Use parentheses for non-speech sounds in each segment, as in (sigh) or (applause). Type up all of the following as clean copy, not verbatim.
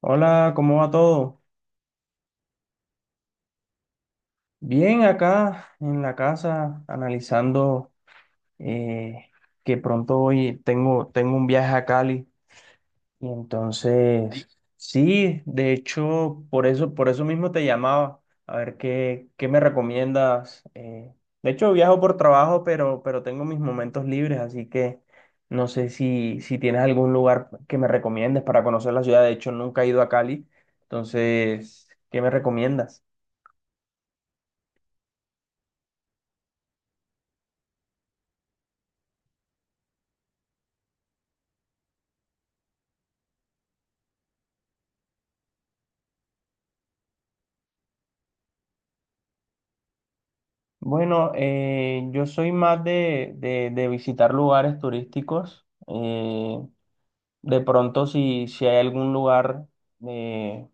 Hola, ¿cómo va todo? Bien, acá en la casa analizando eh, que pronto hoy tengo, tengo un viaje a Cali y entonces sí, de hecho, por eso mismo te llamaba, a ver qué me recomiendas. De hecho, viajo por trabajo, pero tengo mis momentos libres, así que no sé si tienes algún lugar que me recomiendes para conocer la ciudad. De hecho, nunca he ido a Cali, entonces, ¿qué me recomiendas? Bueno, yo soy más de visitar lugares turísticos. De pronto, si hay algún lugar eh,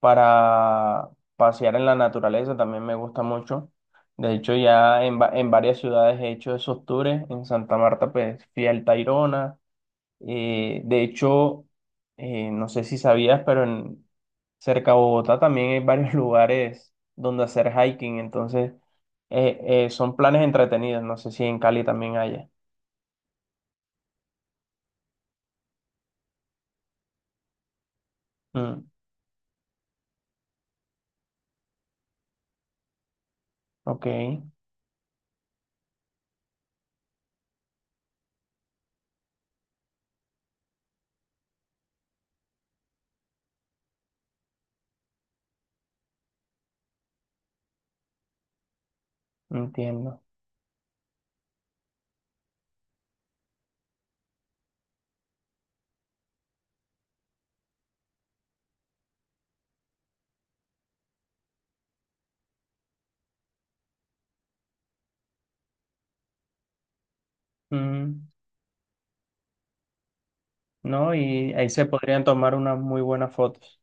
para pasear en la naturaleza, también me gusta mucho. De hecho, en varias ciudades he hecho esos tours. En Santa Marta, pues fui al Tayrona. eh, de hecho, no sé si sabías, pero cerca de Bogotá también hay varios (laughs) lugares donde hacer hiking, entonces eh, son planes entretenidos. No sé si en Cali también haya. Mm, ok, entiendo. Mm, no, y ahí se podrían tomar unas muy buenas fotos.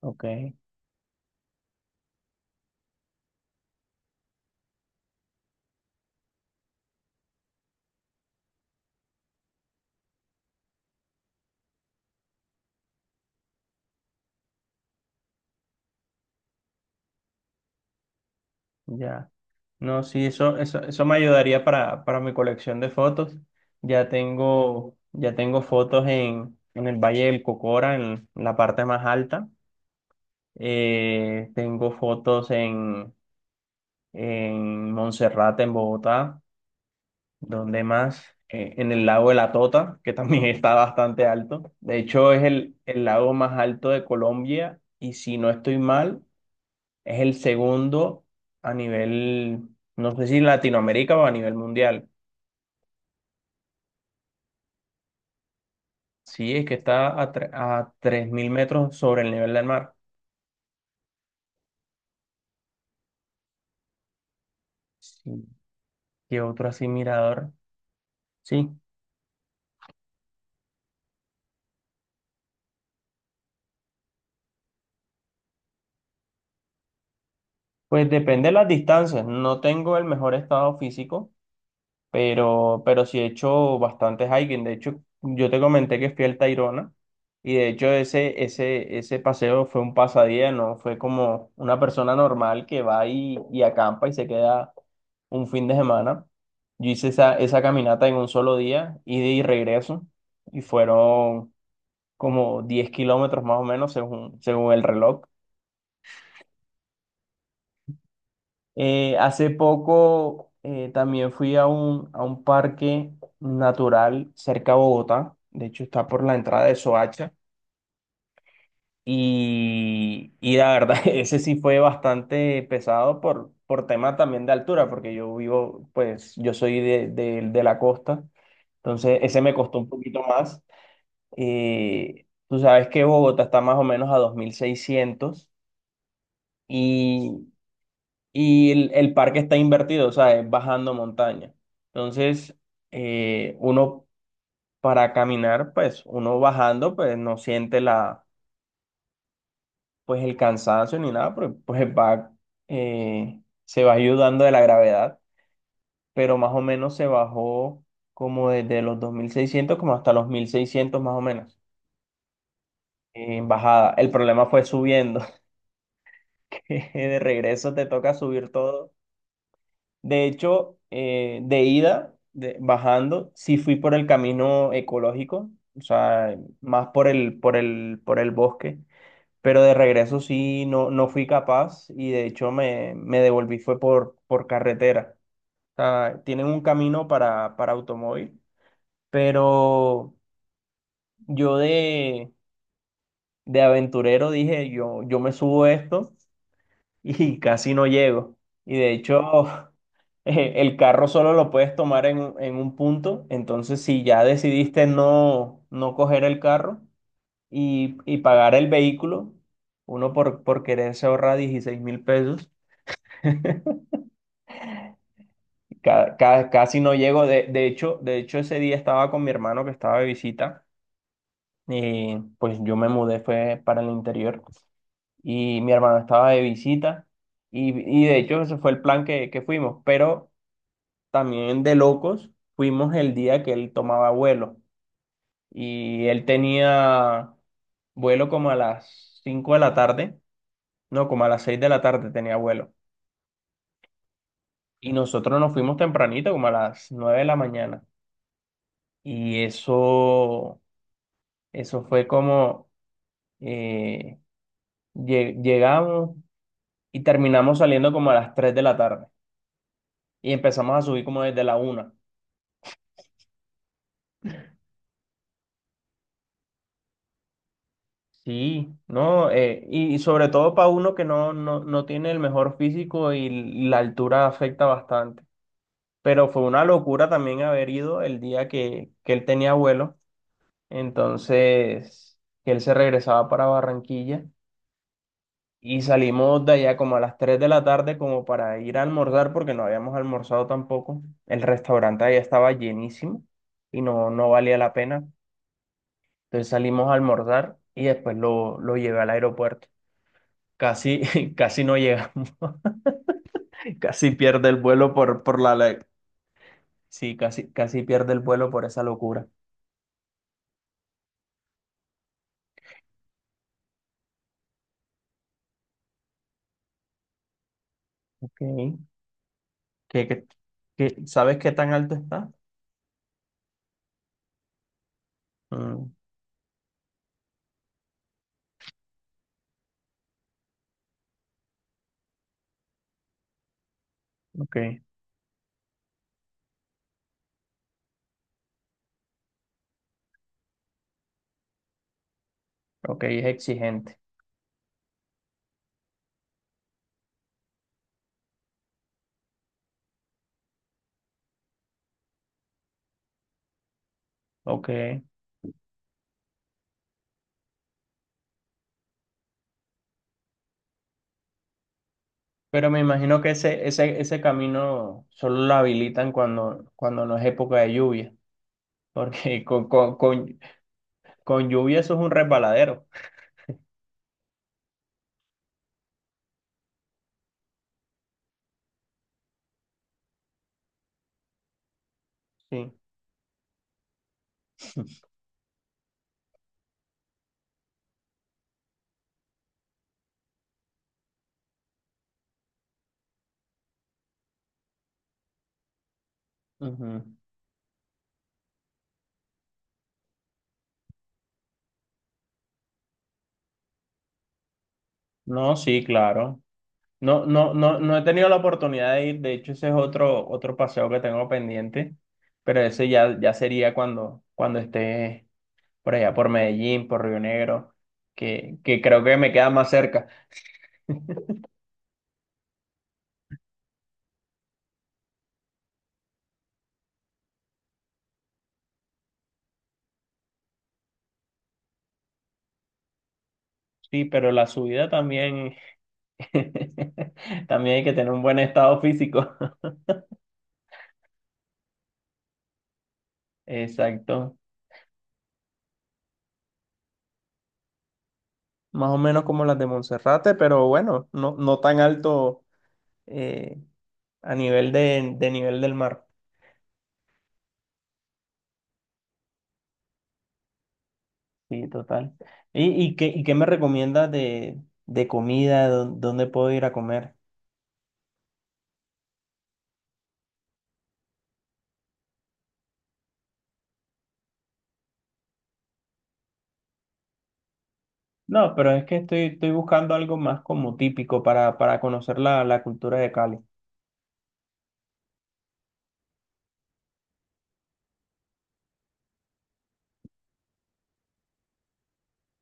Ok, ya. No, sí, eso me ayudaría para mi colección de fotos. Ya tengo fotos en el Valle del Cocora, en la parte más alta. Tengo fotos en Monserrate, en Bogotá, donde más. En el lago de la Tota, que también (laughs) está bastante alto. De hecho, es el lago más alto de Colombia y si no estoy mal, es el segundo a nivel, no sé si Latinoamérica o a nivel mundial. Sí, es que está a, a 3000 metros sobre el nivel del mar. Sí. ¿Qué otro así mirador? Sí, pues depende de las distancias. No tengo el mejor estado físico, pero sí he hecho bastantes hiking. De hecho, yo te comenté que fui al Tayrona y de hecho ese paseo fue un pasadía, no fue como una persona normal que va y acampa y se queda un fin de semana. Yo hice esa caminata en un solo día, ida y regreso, y fueron como 10 kilómetros más o menos según el reloj. Hace poco también fui a a un parque natural cerca a Bogotá, de hecho está por la entrada de Soacha, y la verdad (laughs) ese sí fue bastante pesado por tema también de altura, porque yo vivo, pues yo soy de la costa, entonces ese me costó un poquito más. Tú sabes que Bogotá está más o menos a 2600. Y el parque está invertido, o sea, es bajando montaña. Entonces, uno para caminar, pues uno bajando, pues no siente la, pues el cansancio ni nada, porque pues va, eh, se va ayudando de la gravedad, pero más o menos se bajó como desde los 2600 como hasta los 1600 más o menos en bajada. El problema fue subiendo, (laughs) que de regreso te toca subir todo. De hecho, bajando, sí fui por el camino ecológico, o sea, más por el bosque, pero de regreso sí no, no fui capaz y de hecho me devolví fue por carretera. O sea, tienen un camino para automóvil, pero yo de, de aventurero dije, yo me subo a esto y casi no llego. Y de hecho, (laughs) el carro solo lo puedes tomar en un punto. Entonces, si ya decidiste no, no coger el carro y pagar el vehículo, uno por quererse ahorrar 16 000 pesos, (laughs) casi no llego. De hecho, ese día estaba con mi hermano que estaba de visita. Y pues yo me mudé, fue para el interior. Y mi hermano estaba de visita. Y, y de hecho, ese fue el plan que fuimos. Pero también de locos, fuimos el día que él tomaba vuelo y él tenía vuelo como a las 5 de la tarde, no, como a las 6 de la tarde tenía vuelo. Y nosotros nos fuimos tempranito, como a las 9 de la mañana. Y eso, eso fue como eh, llegamos y terminamos saliendo como a las 3 de la tarde. Y empezamos a subir como desde la una. Sí, no, sobre todo para uno que no, no tiene el mejor físico y la altura afecta bastante. Pero fue una locura también haber ido el día que él tenía vuelo, entonces que él se regresaba para Barranquilla y salimos de allá como a las 3 de la tarde como para ir a almorzar porque no habíamos almorzado tampoco. El restaurante allá estaba llenísimo y no, no valía la pena. Entonces salimos a almorzar y después lo llevé al aeropuerto. Casi, (laughs) casi no llegamos, (laughs) casi pierde el vuelo por la ley. Sí, casi, casi pierde el vuelo por esa locura. Ok. ¿Qué- qué- sabes qué tan alto está? Mm, ok, ok, es exigente. Ok. Pero me imagino que ese camino solo lo habilitan cuando, cuando no es época de lluvia, (laughs) porque con lluvia eso es un resbaladero. Sí. Ujú. No, sí, claro. No, no, no, no he tenido la oportunidad de ir, de hecho ese es otro, otro paseo que tengo pendiente, pero ese ya, ya sería cuando, cuando esté por allá, por Medellín, por Río Negro, que creo que me queda más cerca. Sí, pero la subida también, (laughs) también hay que tener un buen estado físico. (laughs) Exacto, más o menos como las de Monserrate, pero bueno, no, no tan alto, eh, a nivel de nivel del mar. Sí, total. Y qué me recomiendas de comida? ¿Dónde puedo ir a comer? No, pero es que estoy, estoy buscando algo más como típico para conocer la, la cultura de Cali.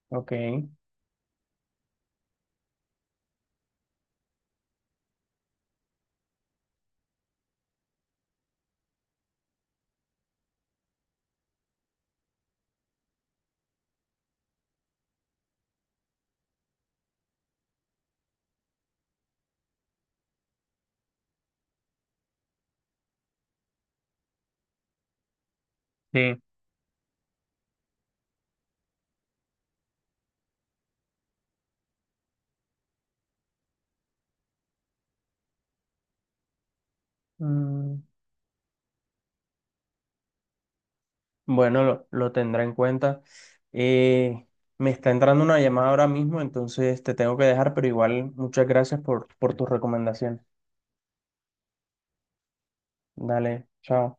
Ok, sí. Mm, bueno, lo tendré en cuenta. Eh, me está entrando una llamada ahora mismo, entonces te tengo que dejar, pero igual muchas gracias por tus recomendaciones. Dale, chao.